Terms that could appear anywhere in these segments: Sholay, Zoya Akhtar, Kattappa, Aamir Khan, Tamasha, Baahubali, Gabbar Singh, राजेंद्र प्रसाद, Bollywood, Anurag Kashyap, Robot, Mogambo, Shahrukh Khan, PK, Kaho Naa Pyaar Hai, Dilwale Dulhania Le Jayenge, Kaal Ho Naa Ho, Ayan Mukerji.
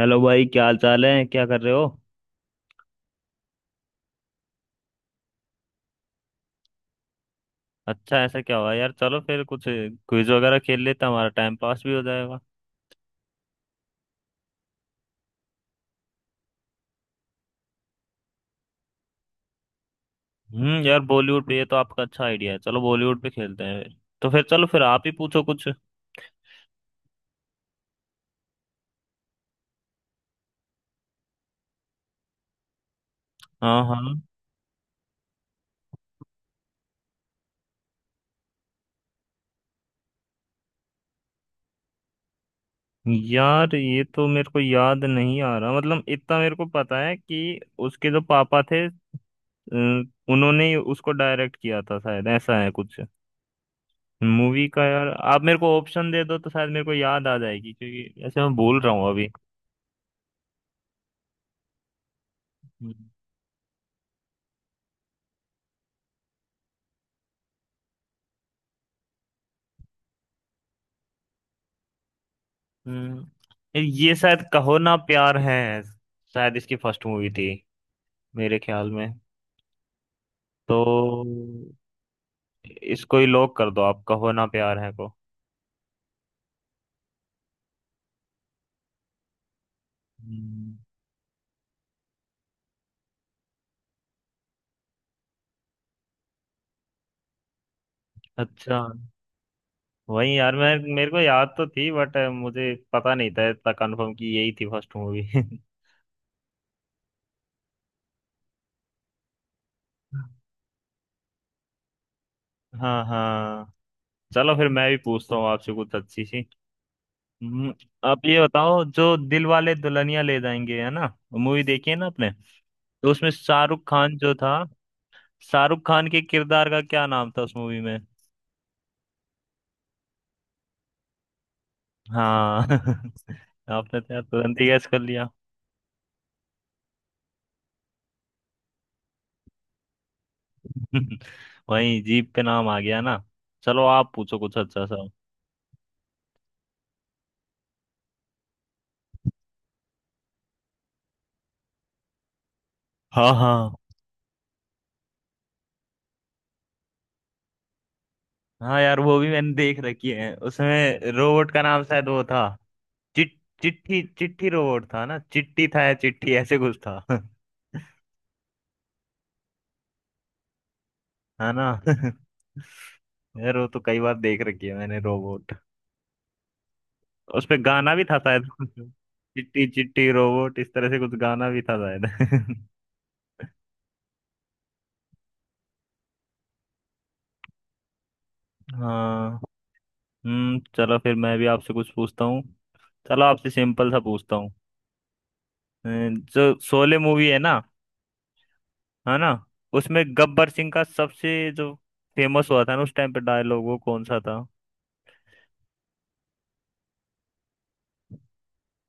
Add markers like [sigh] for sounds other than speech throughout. Hello भाई, क्या हाल चाल है? क्या कर रहे हो? अच्छा ऐसा क्या हुआ यार? चलो फिर कुछ क्विज वगैरह खेल लेते हैं, हमारा टाइम पास भी हो जाएगा। यार बॉलीवुड पे ये तो आपका अच्छा आइडिया है। चलो बॉलीवुड पे खेलते हैं फिर। तो फिर चलो, फिर आप ही पूछो कुछ। हाँ, हाँ। यार ये तो मेरे को याद नहीं आ रहा। मतलब इतना मेरे को पता है कि उसके जो पापा थे उन्होंने ही उसको डायरेक्ट किया था, शायद ऐसा है कुछ मूवी का, यार। आप मेरे को ऑप्शन दे दो तो शायद मेरे को याद आ जाएगी, क्योंकि ऐसे मैं भूल रहा हूँ। अभी। ये शायद कहो ना प्यार है। शायद इसकी फर्स्ट मूवी थी, मेरे ख्याल में। तो इसको ही लॉक कर दो आप, कहो ना प्यार है को। हम्म। अच्छा। वही यार, मैं मेरे को याद तो थी बट मुझे पता नहीं था इतना कंफर्म कि यही थी फर्स्ट मूवी। [laughs] हाँ, हाँ। चलो फिर, मैं भी पूछता हूँ आपसे कुछ अच्छी सी। हम्म। आप ये बताओ, जो दिल वाले दुल्हनिया ले जाएंगे, है ना? मूवी देखी है ना आपने? तो उसमें शाहरुख खान जो था, शाहरुख खान के किरदार का क्या नाम था उस मूवी में? हाँ। [laughs] आपने तो यार तुरंत ही गैस कर लिया। [laughs] वही, जीप पे नाम आ गया ना। चलो आप पूछो कुछ अच्छा सा। हाँ, हाँ। हाँ यार, वो भी मैंने देख रखी है। उसमें रोबोट का नाम शायद वो था, चिट। चिट्ठी चिट्ठी रोबोट था ना? चिट्टी था या चिट्ठी, ऐसे कुछ था। [laughs] है ना। [laughs] यार वो तो कई बार देख रखी है मैंने, रोबोट। उस पे गाना भी था शायद। [laughs] चिट्टी चिट्टी रोबोट, इस तरह से कुछ गाना भी था शायद। [laughs] हाँ। चलो फिर मैं भी आपसे कुछ पूछता हूँ। चलो आपसे सिंपल सा पूछता हूँ। अ, जो शोले मूवी है ना, है ना, उसमें गब्बर सिंह का सबसे जो फेमस हुआ था ना उस टाइम पे डायलॉग, वो कौन सा था?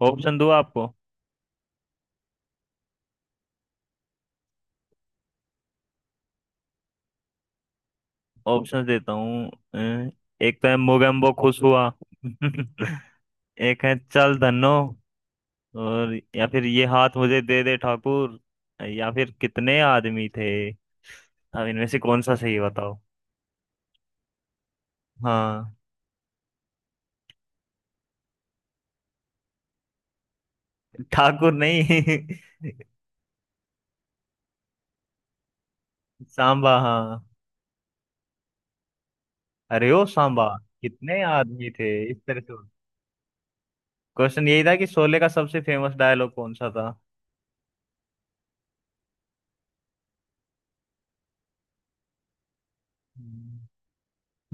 ऑप्शन दूँ आपको? ऑप्शन देता हूँ। अ, एक तो है, मोगेम्बो खुश हुआ। [laughs] एक है, चल धन्नो। और या फिर, ये हाथ मुझे दे दे ठाकुर। या फिर, कितने आदमी थे। अब इनमें से कौन सा सही, बताओ। हाँ। ठाकुर नहीं। [laughs] सांबा, हाँ। अरे ओ सांबा, कितने आदमी थे, इस तरह से। क्वेश्चन यही था कि शोले का सबसे फेमस डायलॉग कौन सा था।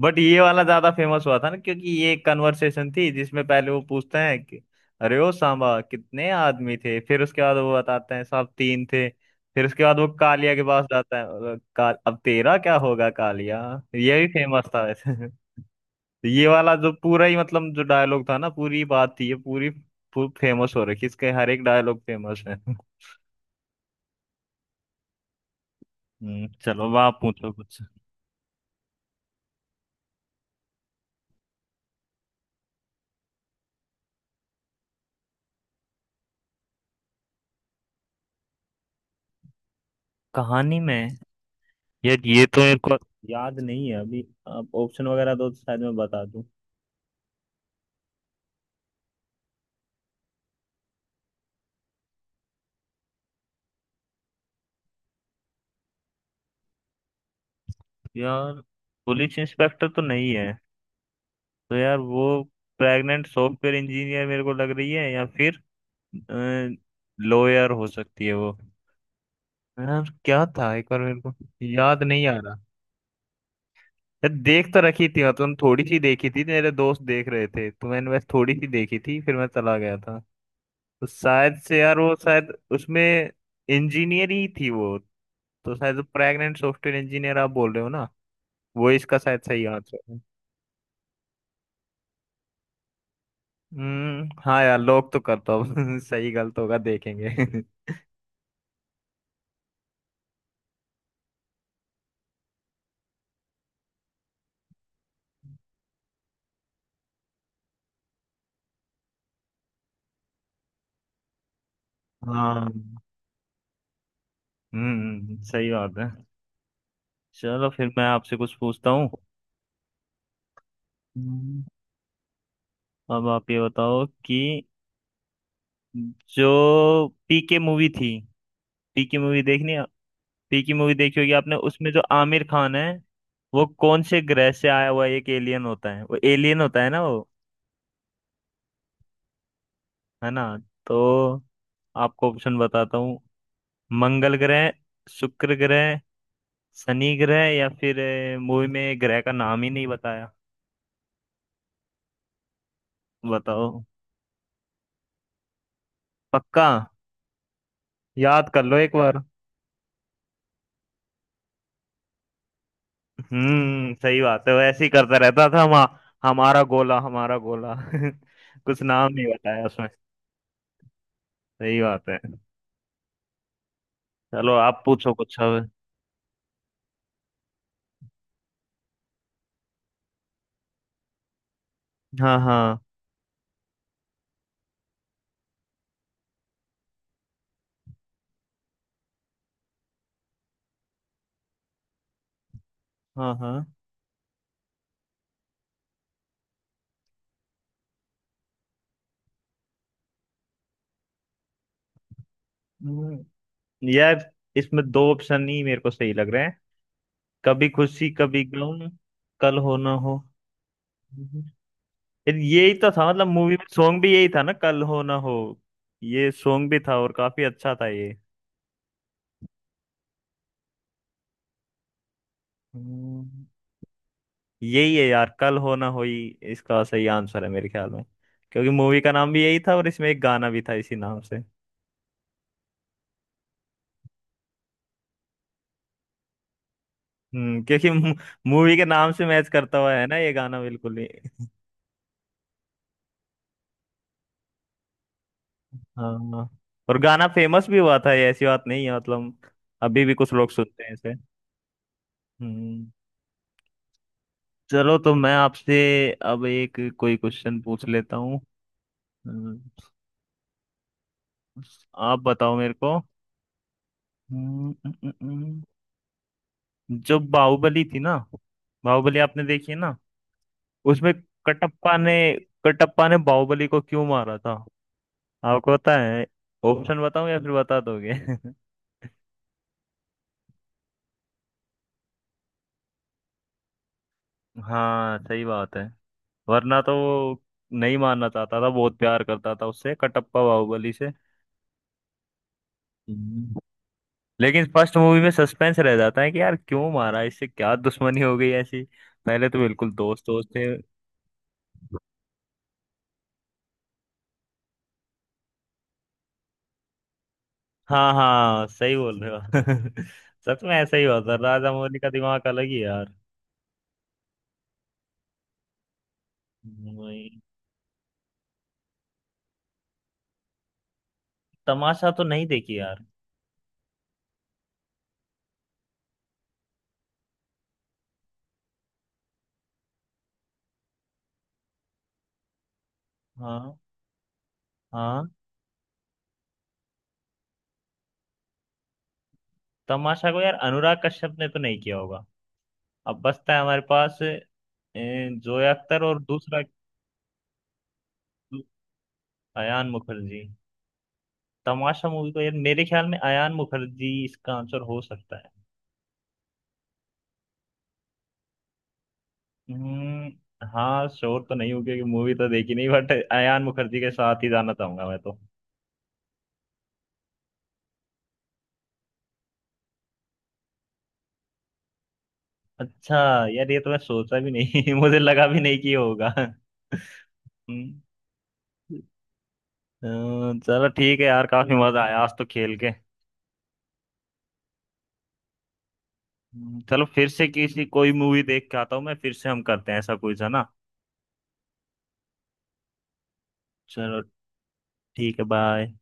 बट ये वाला ज्यादा फेमस हुआ था ना, क्योंकि ये एक कन्वर्सेशन थी जिसमें पहले वो पूछते हैं कि, अरे ओ सांबा कितने आदमी थे, फिर उसके बाद वो बताते हैं, साहब तीन थे। फिर उसके बाद वो कालिया के पास जाता है और अब तेरा क्या होगा कालिया। ये भी फेमस था वैसे। तो ये वाला जो पूरा ही मतलब जो डायलॉग था ना, पूरी बात थी ये पूरी फेमस हो रखी, इसके हर एक डायलॉग फेमस है। चलो अब आप पूछो कुछ। कहानी में? यार ये तो मेरे को याद नहीं है अभी। आप ऑप्शन वगैरह दो तो शायद मैं बता दूं। यार, पुलिस इंस्पेक्टर तो नहीं है। तो यार वो, प्रेग्नेंट सॉफ्टवेयर इंजीनियर मेरे को लग रही है, या फिर लॉयर हो सकती है वो। यार क्या था एक बार, मेरे को याद नहीं आ रहा। यार देख तो रखी थी मैं, तुम थोड़ी सी देखी थी, मेरे दोस्त देख रहे थे तो मैंने बस थोड़ी सी देखी थी, फिर मैं चला गया था। तो शायद से यार वो शायद उसमें इंजीनियर ही थी वो। तो शायद प्रेग्नेंट सॉफ्टवेयर इंजीनियर आप बोल रहे हो ना, वो इसका शायद सही आंसर है। हम्म, हाँ यार, लोग तो करता हूँ। [laughs] सही गलत होगा देखेंगे। [laughs] हाँ। सही बात है। चलो फिर मैं आपसे कुछ पूछता हूँ। हम्म। अब आप ये बताओ कि जो पीके मूवी थी, पी की मूवी देखनी है, पी की मूवी देखी होगी आपने, उसमें जो आमिर खान है, वो कौन से ग्रह से आया हुआ एक एलियन होता है, वो एलियन होता है ना वो? है ना? तो आपको ऑप्शन बताता हूँ। मंगल ग्रह, शुक्र ग्रह, शनि ग्रह, या फिर मूवी में ग्रह का नाम ही नहीं बताया। बताओ। पक्का? याद कर लो एक बार। सही बात है, वो ऐसे ही करता रहता था। हम हमारा गोला, हमारा गोला। [laughs] कुछ नाम नहीं बताया उसमें। सही बात है। चलो आप पूछो कुछ अब। हाँ, हाँ, हाँ, हाँ। हम्म, यार इसमें दो ऑप्शन ही मेरे को सही लग रहे हैं। कभी खुशी कभी गम, कल हो ना हो। हम्म। यार यही तो था, मतलब मूवी में सॉन्ग भी यही था ना, कल हो ना हो। ये सॉन्ग भी था और काफी अच्छा था ये। हम्म। यही है यार, कल हो ना हो ही इसका सही आंसर है मेरे ख्याल में, क्योंकि मूवी का नाम भी यही था और इसमें एक गाना भी था इसी नाम से। क्योंकि मूवी के नाम से मैच करता हुआ है ना ये गाना, बिल्कुल ही। हाँ। और गाना फेमस भी हुआ था ये, ऐसी बात नहीं है मतलब, अभी भी कुछ लोग सुनते हैं इसे। हम्म। चलो तो मैं आपसे अब एक कोई क्वेश्चन पूछ लेता हूँ। हम्म। आप बताओ मेरे को। हम्म। जो बाहुबली थी ना, बाहुबली आपने देखी है ना? उसमें कटप्पा ने, कटप्पा ने बाहुबली को क्यों मारा था? आपको पता है? ऑप्शन बताऊं या फिर बता दोगे? [laughs] हाँ, सही बात है। वरना तो वो नहीं मानना चाहता था, बहुत प्यार करता था उससे कटप्पा, बाहुबली से। हम्म। लेकिन फर्स्ट मूवी में सस्पेंस रह जाता है कि यार क्यों मारा, इससे क्या दुश्मनी हो गई ऐसी। पहले तो बिल्कुल दोस्त दोस्त थे। हाँ, हाँ, सही बोल रहे हो। [laughs] सच में ऐसा ही हुआ था, राजा मौली का दिमाग अलग ही है यार। वही। तमाशा तो नहीं देखी यार। हाँ, हाँ। तमाशा को यार, अनुराग कश्यप ने तो नहीं किया होगा। अब बचता है हमारे पास जोया अख्तर और दूसरा, अयान मुखर्जी। तमाशा मूवी को यार मेरे ख्याल में अयान मुखर्जी इसका आंसर हो सकता है। हम्म। हाँ, श्योर तो नहीं हूँ क्योंकि मूवी तो देखी नहीं, बट अयान मुखर्जी के साथ ही जाना चाहूंगा मैं तो। अच्छा। यार ये तो मैं सोचा भी नहीं, [laughs] मुझे लगा भी नहीं कि ये होगा। हम्म, अ, चलो ठीक है यार, काफी मजा आया आज तो खेल के। चलो फिर से किसी कोई मूवी देख के आता हूँ, मैं फिर से हम करते हैं ऐसा कुछ, है ना? चलो। ठीक है, बाय।